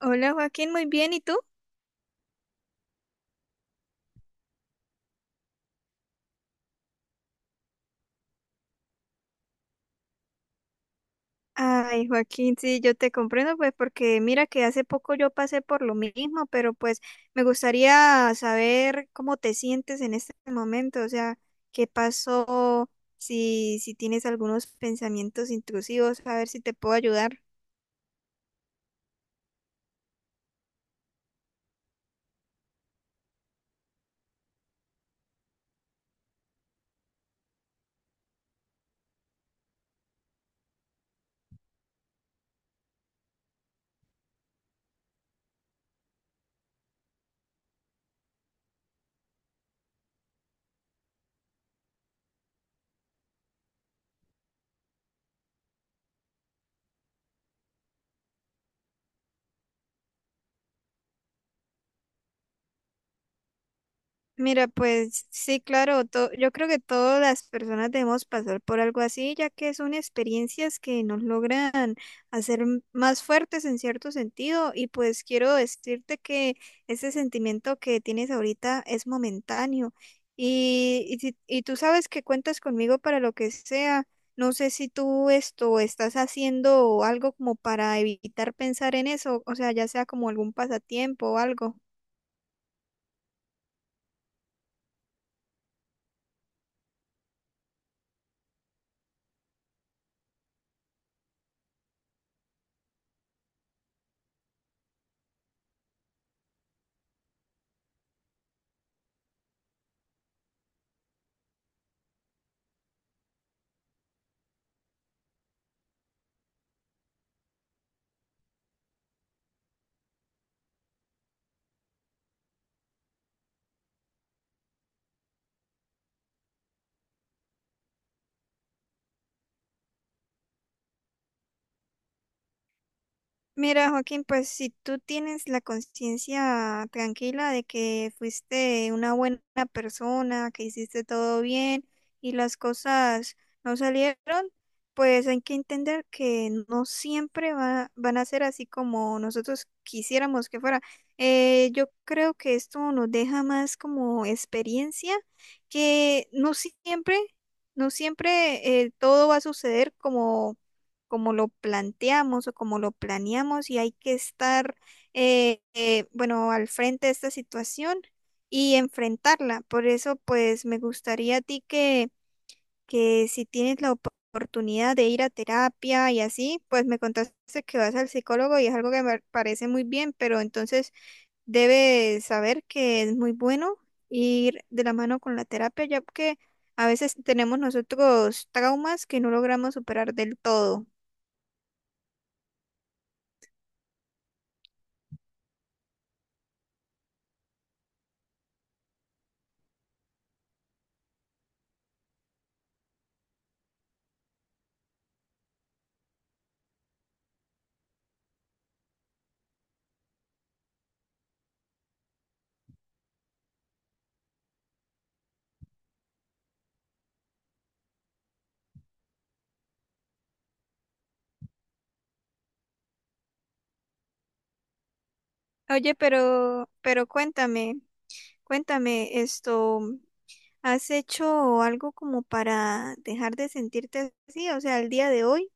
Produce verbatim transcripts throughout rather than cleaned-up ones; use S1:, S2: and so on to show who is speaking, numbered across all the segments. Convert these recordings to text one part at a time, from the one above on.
S1: Hola Joaquín, muy bien, ¿y tú? Ay, Joaquín, sí, yo te comprendo, pues porque mira que hace poco yo pasé por lo mismo, pero pues me gustaría saber cómo te sientes en este momento, o sea, qué pasó, si, si tienes algunos pensamientos intrusivos, a ver si te puedo ayudar. Mira, pues sí, claro, to- yo creo que todas las personas debemos pasar por algo así, ya que son experiencias que nos logran hacer m- más fuertes en cierto sentido. Y pues quiero decirte que ese sentimiento que tienes ahorita es momentáneo. Y, y, si- Y tú sabes que cuentas conmigo para lo que sea. No sé si tú esto estás haciendo algo como para evitar pensar en eso, o sea, ya sea como algún pasatiempo o algo. Mira, Joaquín, pues si tú tienes la conciencia tranquila de que fuiste una buena persona, que hiciste todo bien y las cosas no salieron, pues hay que entender que no siempre va- van a ser así como nosotros quisiéramos que fuera. Eh, yo creo que esto nos deja más como experiencia que no siempre, no siempre eh, todo va a suceder como como lo planteamos o como lo planeamos, y hay que estar, eh, eh, bueno, al frente de esta situación y enfrentarla. Por eso, pues, me gustaría a ti que, que si tienes la op- oportunidad de ir a terapia y así, pues me contaste que vas al psicólogo y es algo que me parece muy bien, pero entonces debes saber que es muy bueno ir de la mano con la terapia, ya que a veces tenemos nosotros traumas que no logramos superar del todo. Oye, pero, pero cuéntame, cuéntame esto, ¿has hecho algo como para dejar de sentirte así? O sea, el día de hoy.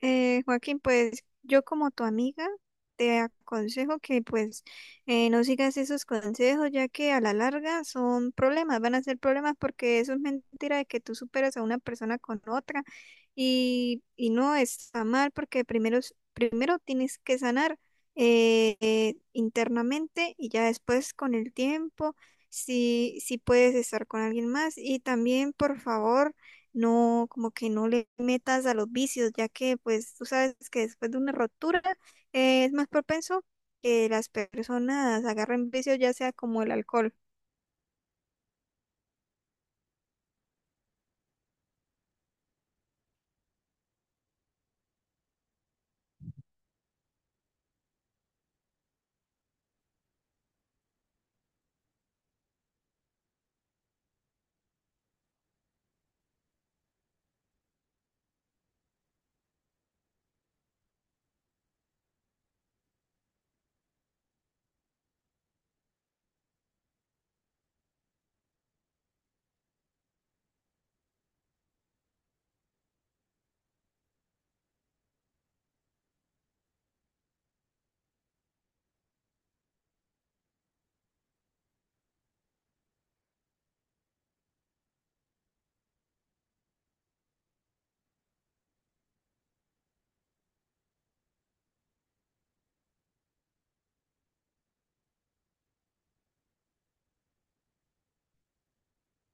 S1: Eh, Joaquín, pues yo como tu amiga te aconsejo que pues eh, no sigas esos consejos, ya que a la larga son problemas, van a ser problemas, porque eso es mentira de que tú superas a una persona con otra, y, y no está mal porque primero, es- primero tienes que sanar eh, eh, internamente, y ya después con el tiempo si, si puedes estar con alguien más. Y también por favor no, como que no le metas a los vicios, ya que pues tú sabes que después de una rotura eh, es más propenso que las personas agarren vicios, ya sea como el alcohol.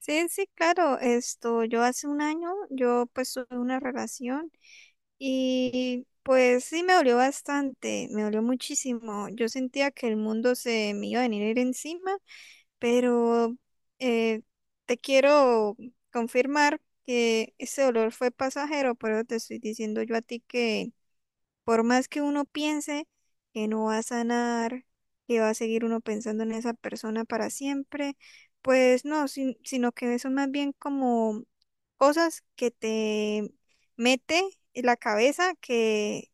S1: Sí, sí, claro, esto, yo hace un año, yo pues tuve una relación. Y pues sí me dolió bastante, me dolió muchísimo. Yo sentía que el mundo se me iba a venir encima, pero eh, te quiero confirmar que ese dolor fue pasajero, pero te estoy diciendo yo a ti que por más que uno piense que no va a sanar, que va a seguir uno pensando en esa persona para siempre, pues no, sin- sino que son más bien como cosas que te mete en la cabeza que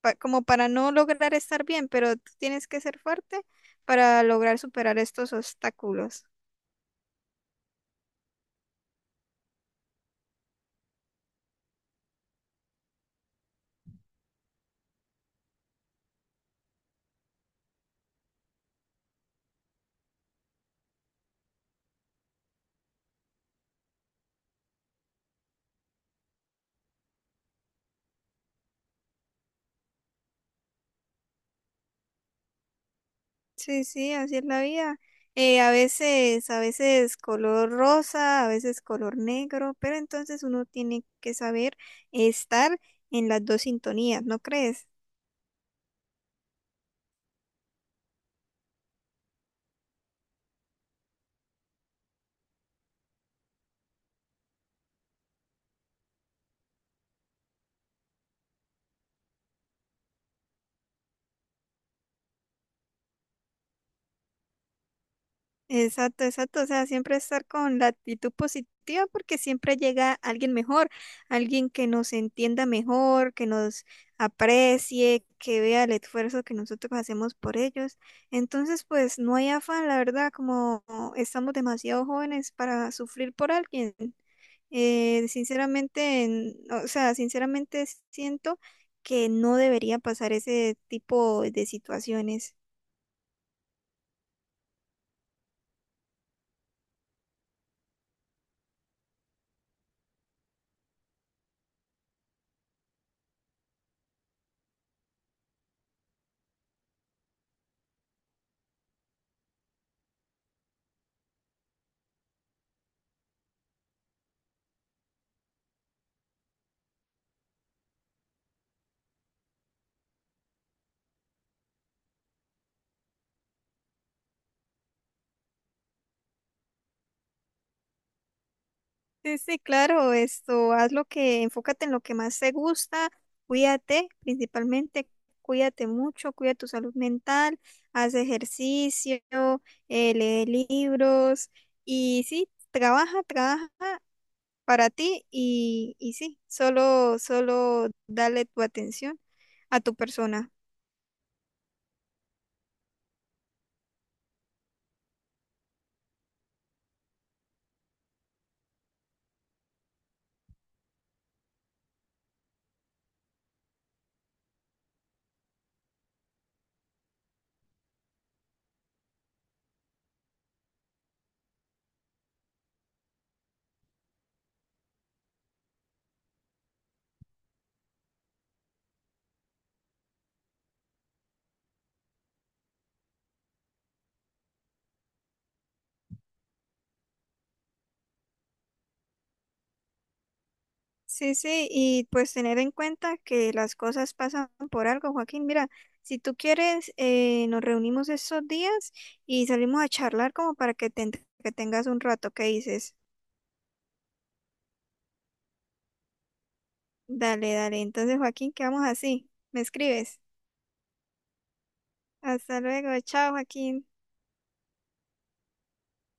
S1: pa- como para no lograr estar bien, pero tú tienes que ser fuerte para lograr superar estos obstáculos. Sí, sí, así es la vida. Eh, a veces, a veces color rosa, a veces color negro, pero entonces uno tiene que saber estar en las dos sintonías, ¿no crees? Exacto, exacto. O sea, siempre estar con la actitud positiva, porque siempre llega alguien mejor, alguien que nos entienda mejor, que nos aprecie, que vea el esfuerzo que nosotros hacemos por ellos. Entonces, pues no hay afán, la verdad, como estamos demasiado jóvenes para sufrir por alguien. Eh, sinceramente, en- o sea, sinceramente siento que no debería pasar ese tipo de situaciones. Sí, sí, claro, esto, haz lo que, enfócate en lo que más te gusta, cuídate, principalmente, cuídate mucho, cuida tu salud mental, haz ejercicio, eh, lee libros, y sí, trabaja, trabaja para ti. Y, y sí, solo, solo dale tu atención a tu persona. Sí, sí, y pues tener en cuenta que las cosas pasan por algo, Joaquín. Mira, si tú quieres, eh, nos reunimos estos días y salimos a charlar como para que te ent- que tengas un rato. ¿Qué dices? Dale, dale. Entonces, Joaquín, quedamos así. Me escribes. Hasta luego. Chao, Joaquín.